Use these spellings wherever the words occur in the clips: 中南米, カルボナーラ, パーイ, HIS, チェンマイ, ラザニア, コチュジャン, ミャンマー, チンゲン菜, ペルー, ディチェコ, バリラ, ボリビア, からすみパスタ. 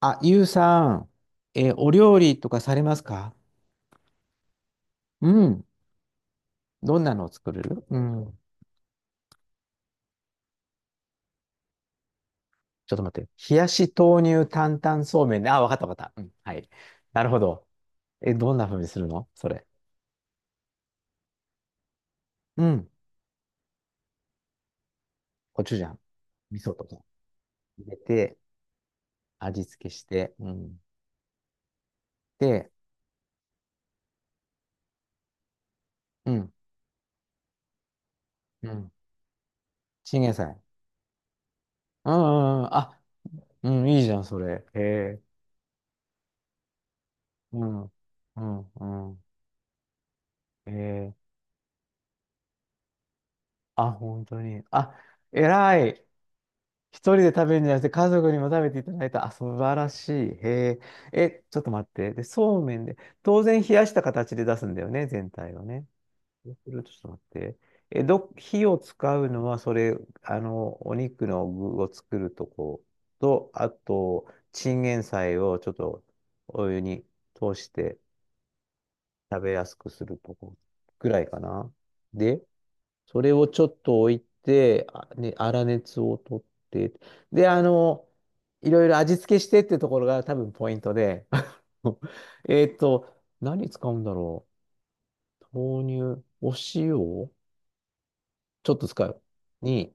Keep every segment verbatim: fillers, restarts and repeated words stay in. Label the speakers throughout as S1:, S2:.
S1: あ、ゆうさん、えーお料理とかされますか？うん。どんなのを作れる？うん。ちょっと待って。冷やし豆乳担々そうめんね。あ、わかったわかった。うん。はい。なるほど。え、どんな風にするのそれ？うん。コチュジャン、味噌とか入れて、味付けして、うん。で、うん。うん。チンゲン菜。うんうんうん。あ、うん、いいじゃん、それ。へえ。うん。うん、うん。へえ。あ、本当に？あ、偉い。一人で食べるんじゃなくて家族にも食べていただいた。あ、素晴らしい。へえ。え、ちょっと待って。で、そうめんで、当然冷やした形で出すんだよね、全体をね。そうすると、ちょっと待って。え、ど、火を使うのは、それ、あの、お肉の具を作るとこと、あと、チンゲン菜をちょっとお湯に通して食べやすくするとこぐらいかな。で、それをちょっと置いて、あね、粗熱を取って、で、あの、いろいろ味付けしてってところが多分ポイントで、えっと、何使うんだろう。豆乳、お塩、ちょっと使う。に、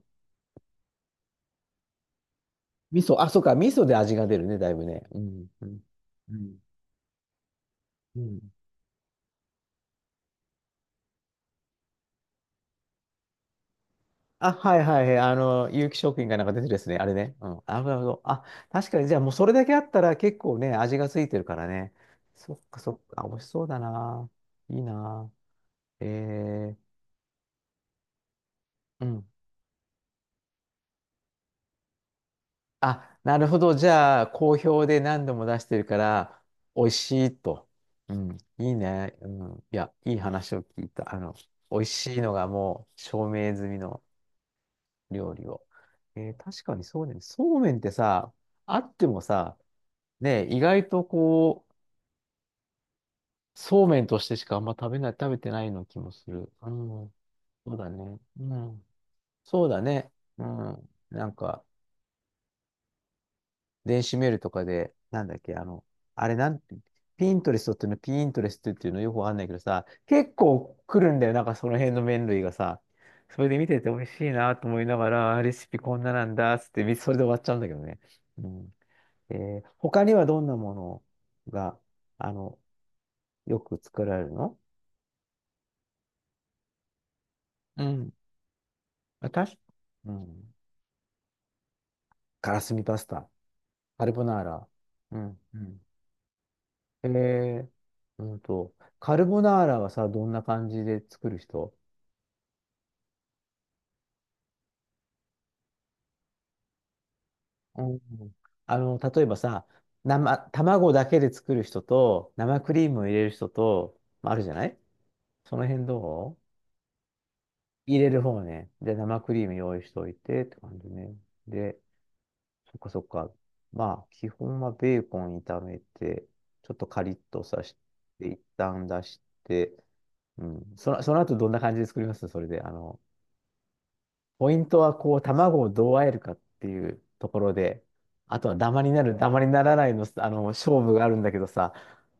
S1: 味噌、あ、そうか、味噌で味が出るね、だいぶね。うん。うん。うん。うん。あ、はいはいはい。あの、有機食品がなんか出てるですね。あれね。うん。あ、なるほど。あ、確かに、じゃあもうそれだけあったら結構ね、味がついてるからね。そっかそっか。美味しそうだな。いいな。えー、うん。あ、なるほど。じゃあ、好評で何度も出してるから、美味しいと。うん。いいね。うん。いや、いい話を聞いた。あの、美味しいのがもう証明済みの料理を。えー確かにそうね。そうめんってさ、あってもさ、ねえ、意外とこう、そうめんとしてしかあんま食べない、食べてないような気もする。うん、そうだね。うん、そうだね。うん、なんか、電子メールとかで、なんだっけ、あの、あれなんて、ピントレストっていうの、ピントレストっていうのよくわかんないけどさ、結構来るんだよ、なんかその辺の麺類がさ。それで見てて美味しいなと思いながら、あレシピこんななんだ、つって、それで終わっちゃうんだけどね。うん。えー他にはどんなものが、あの、よく作られるの？うん。私、うん。からすみパスタ、カルボナーラ。うん。うん。えー、うんと、カルボナーラはさ、どんな感じで作る人？うん。あの、例えばさ、生、卵だけで作る人と、生クリームを入れる人と、まああるじゃない、その辺どう？入れる方ね。で、生クリーム用意しておいてって感じね。で、そっかそっか。まあ、基本はベーコン炒めて、ちょっとカリッとさして、一旦出して、うん。その、その後どんな感じで作りますそれで。あの、ポイントはこう、卵をどう和えるかっていうところで、あとはダマになる、ダマにならないの、あの、勝負があるんだけどさ、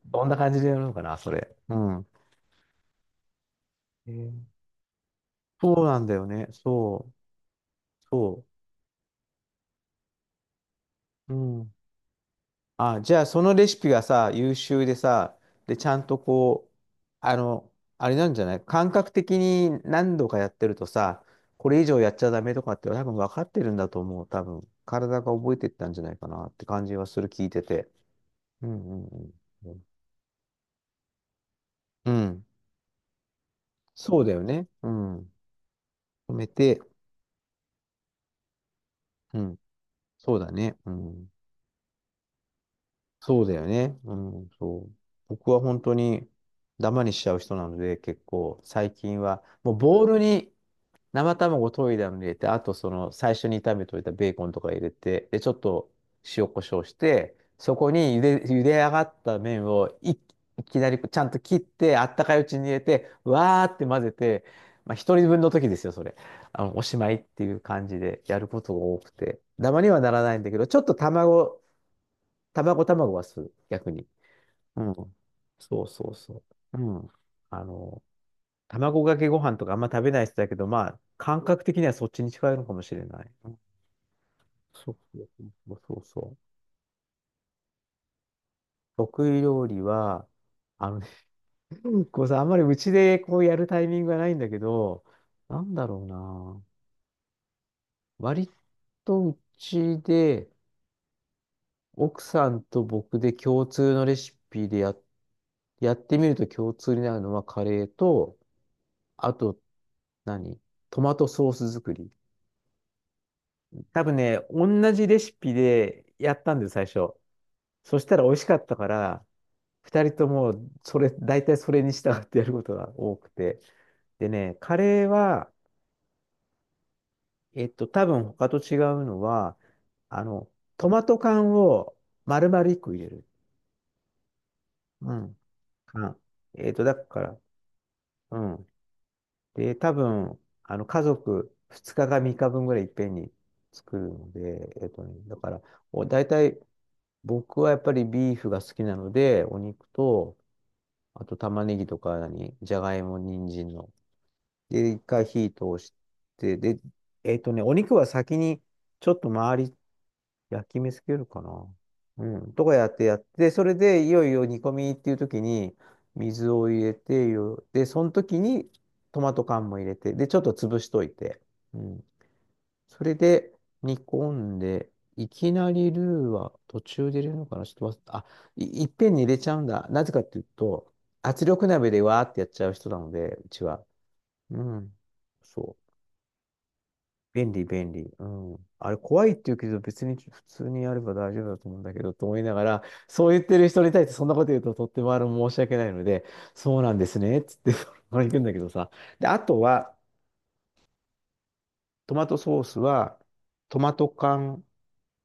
S1: どんな感じでやるのかな、それ。うん。えーそうなんだよね。そう。そう。うん。あ、じゃあそのレシピがさ、優秀でさ、で、ちゃんとこう、あの、あれなんじゃない感覚的に何度かやってるとさ、これ以上やっちゃダメとかって多分分かってるんだと思う。多分、体が覚えてったんじゃないかなって感じはする、聞いてて。うんうんうん。うん。そうだよね。うん。止めて、うん。そうだね。うん。そうだよね。うん。そう。僕は本当にダマにしちゃう人なので、結構最近は、もうボールに、生卵溶いたのに入れて、あとその最初に炒めといたベーコンとか入れて、で、ちょっと塩コショウして、そこに茹で、茹で上がった麺をい、いきなりちゃんと切って、あったかいうちに入れて、わーって混ぜて、まあ一人分の時ですよ、それ。あの、おしまいっていう感じでやることが多くて。ダマにはならないんだけど、ちょっと卵、卵卵はする、逆に。うん。そうそうそう。うん。あの卵かけご飯とかあんま食べない人だけど、まあ、感覚的にはそっちに近いのかもしれない。うん。そうそうそうそうそう。得意料理は、あのね、こうさ、あんまりうちでこうやるタイミングがないんだけど、なんだろうな。割とうちで、奥さんと僕で共通のレシピでや、やってみると共通になるのはカレーと、あと何トマトソース作り。多分ね、同じレシピでやったんです、最初。そしたら美味しかったから、二人とも、それ、大体それに従ってやることが多くて。でね、カレーは、えっと、多分他と違うのは、あの、トマト缶を丸々一個入れる。うん。缶。えっと、だから、うん。で、多分、あの、家族ふつかかさんにちぶんぐらいいっぺんに作るので、えっとね、だから、お大体僕はやっぱりビーフが好きなので、お肉と、あと玉ねぎとか何、じゃがいも、人参の。で、一回火通して、で、えっとね、お肉は先にちょっと周り焼き目つけるかな。うん、とかやってやって、それでいよいよ煮込みっていう時に水を入れてよ、で、その時にトマト缶も入れて、で、ちょっと潰しといて。うん。それで煮込んで、いきなりルーは途中で入れるのかなちょっと忘れた。あ、い、いっぺんに入れちゃうんだ。なぜかっていうと、圧力鍋でわーってやっちゃう人なので、うちは。うん。そう。便利、便利。うん。あれ、怖いって言うけど、別に普通にやれば大丈夫だと思うんだけど、と思いながら、そう言ってる人に対してそんなこと言うと、とってもあの申し訳ないので、そうなんですね、つって、これ行くんだけどさ。で、あとは、トマトソースは、トマト缶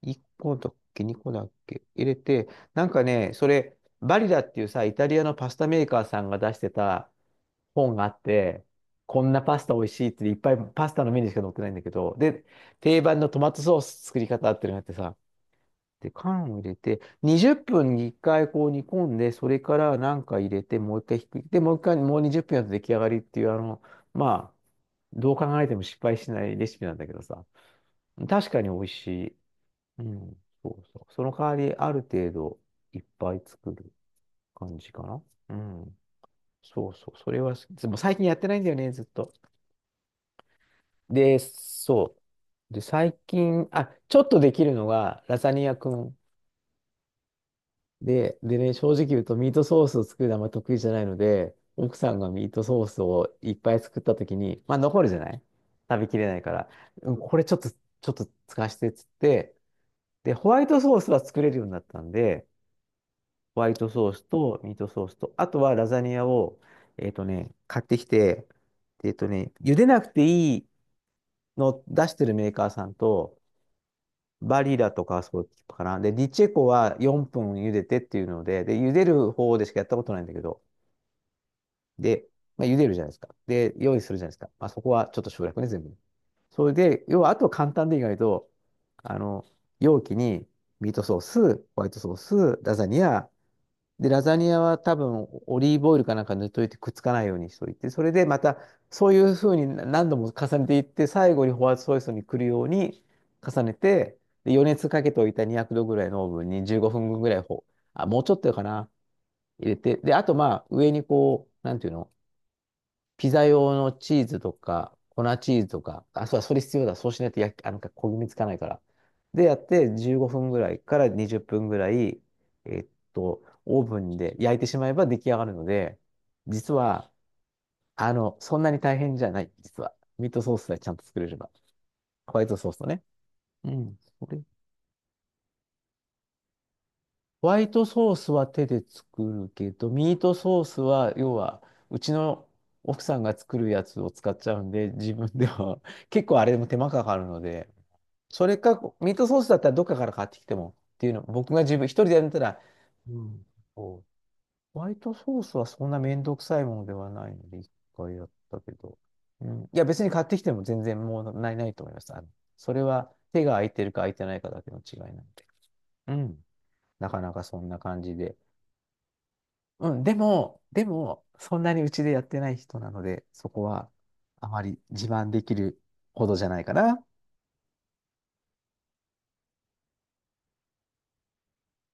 S1: いっこだっけ、にこだっけ、入れて、なんかね、それ、バリラっていうさ、イタリアのパスタメーカーさんが出してた本があって、こんなパスタ美味しいっていっぱいパスタのメニューしか載ってないんだけど、で、定番のトマトソース作り方っていうのがあってさ、で、缶を入れて、にじゅっぷんにいっかいこう煮込んで、それからなんか入れて、もう一回ひっくり、で、もう一回、もうにじゅっぷんやると出来上がりっていう、あの、まあ、どう考えても失敗しないレシピなんだけどさ。確かに美味しい。うん、そうそう。その代わり、ある程度いっぱい作る感じかな。うん。そうそう。それは好き、でも最近やってないんだよね、ずっと。で、そう。で、最近、あ、ちょっとできるのが、ラザニアくん。で、でね、正直言うとミートソースを作るのはあんま得意じゃないので、奥さんがミートソースをいっぱい作った時に、まあ残るじゃない。食べきれないから、うんこれちょっと、ちょっと使わせてっつって、で、ホワイトソースは作れるようになったんで、ホワイトソースとミートソースと、あとはラザニアを、えっとね、買ってきて、えっとね、茹でなくていいのを出してるメーカーさんと、バリだとか、そうかな。で、ディチェコはよんぷん茹でてっていうので、で、茹でる方でしかやったことないんだけど、で、まあ、茹でるじゃないですか。で、用意するじゃないですか。まあ、そこはちょっと省略ね、全部。それで、要は、あとは簡単で意外と、あの、容器にミートソース、ホワイトソース、ラザニア、で、ラザニアは多分オリーブオイルかなんか塗っといてくっつかないようにしといて、それでまたそういうふうに何度も重ねていって、最後にホワイトソースに来るように重ねて、で余熱かけておいたにひゃくどぐらいのオーブンにじゅうごふんぐらいほ、あ、もうちょっとかな、入れて、で、あとまあ上にこう、なんていうのピザ用のチーズとか、粉チーズとか、あ、そうだ、それ必要だ。そうしないと焼き、あ、なんか焦げ目つかないから。で、やってじゅうごふんぐらいからにじゅっぷんぐらい、えっと、オーブンで焼いてしまえば出来上がるので、実は、あの、そんなに大変じゃない、実は。ミートソースさえちゃんと作れれば。ホワイトソースとね。うん。それホワイトソースは手で作るけど、ミートソースは、要は、うちの奥さんが作るやつを使っちゃうんで、自分では 結構あれでも手間かかるので、それか、ミートソースだったらどっかから買ってきてもっていうの、僕が自分、一人でやったら、うん、そうホワイトソースはそんなめんどくさいものではないので、一回やったけど。うん、いや、別に買ってきても全然もうない、ないと思います。あの、それは手が空いてるか空いてないかだけの違いなんで。うん。なかなかそんな感じで。うん、でも、でも、そんなにうちでやってない人なので、そこはあまり自慢できるほどじゃないかな。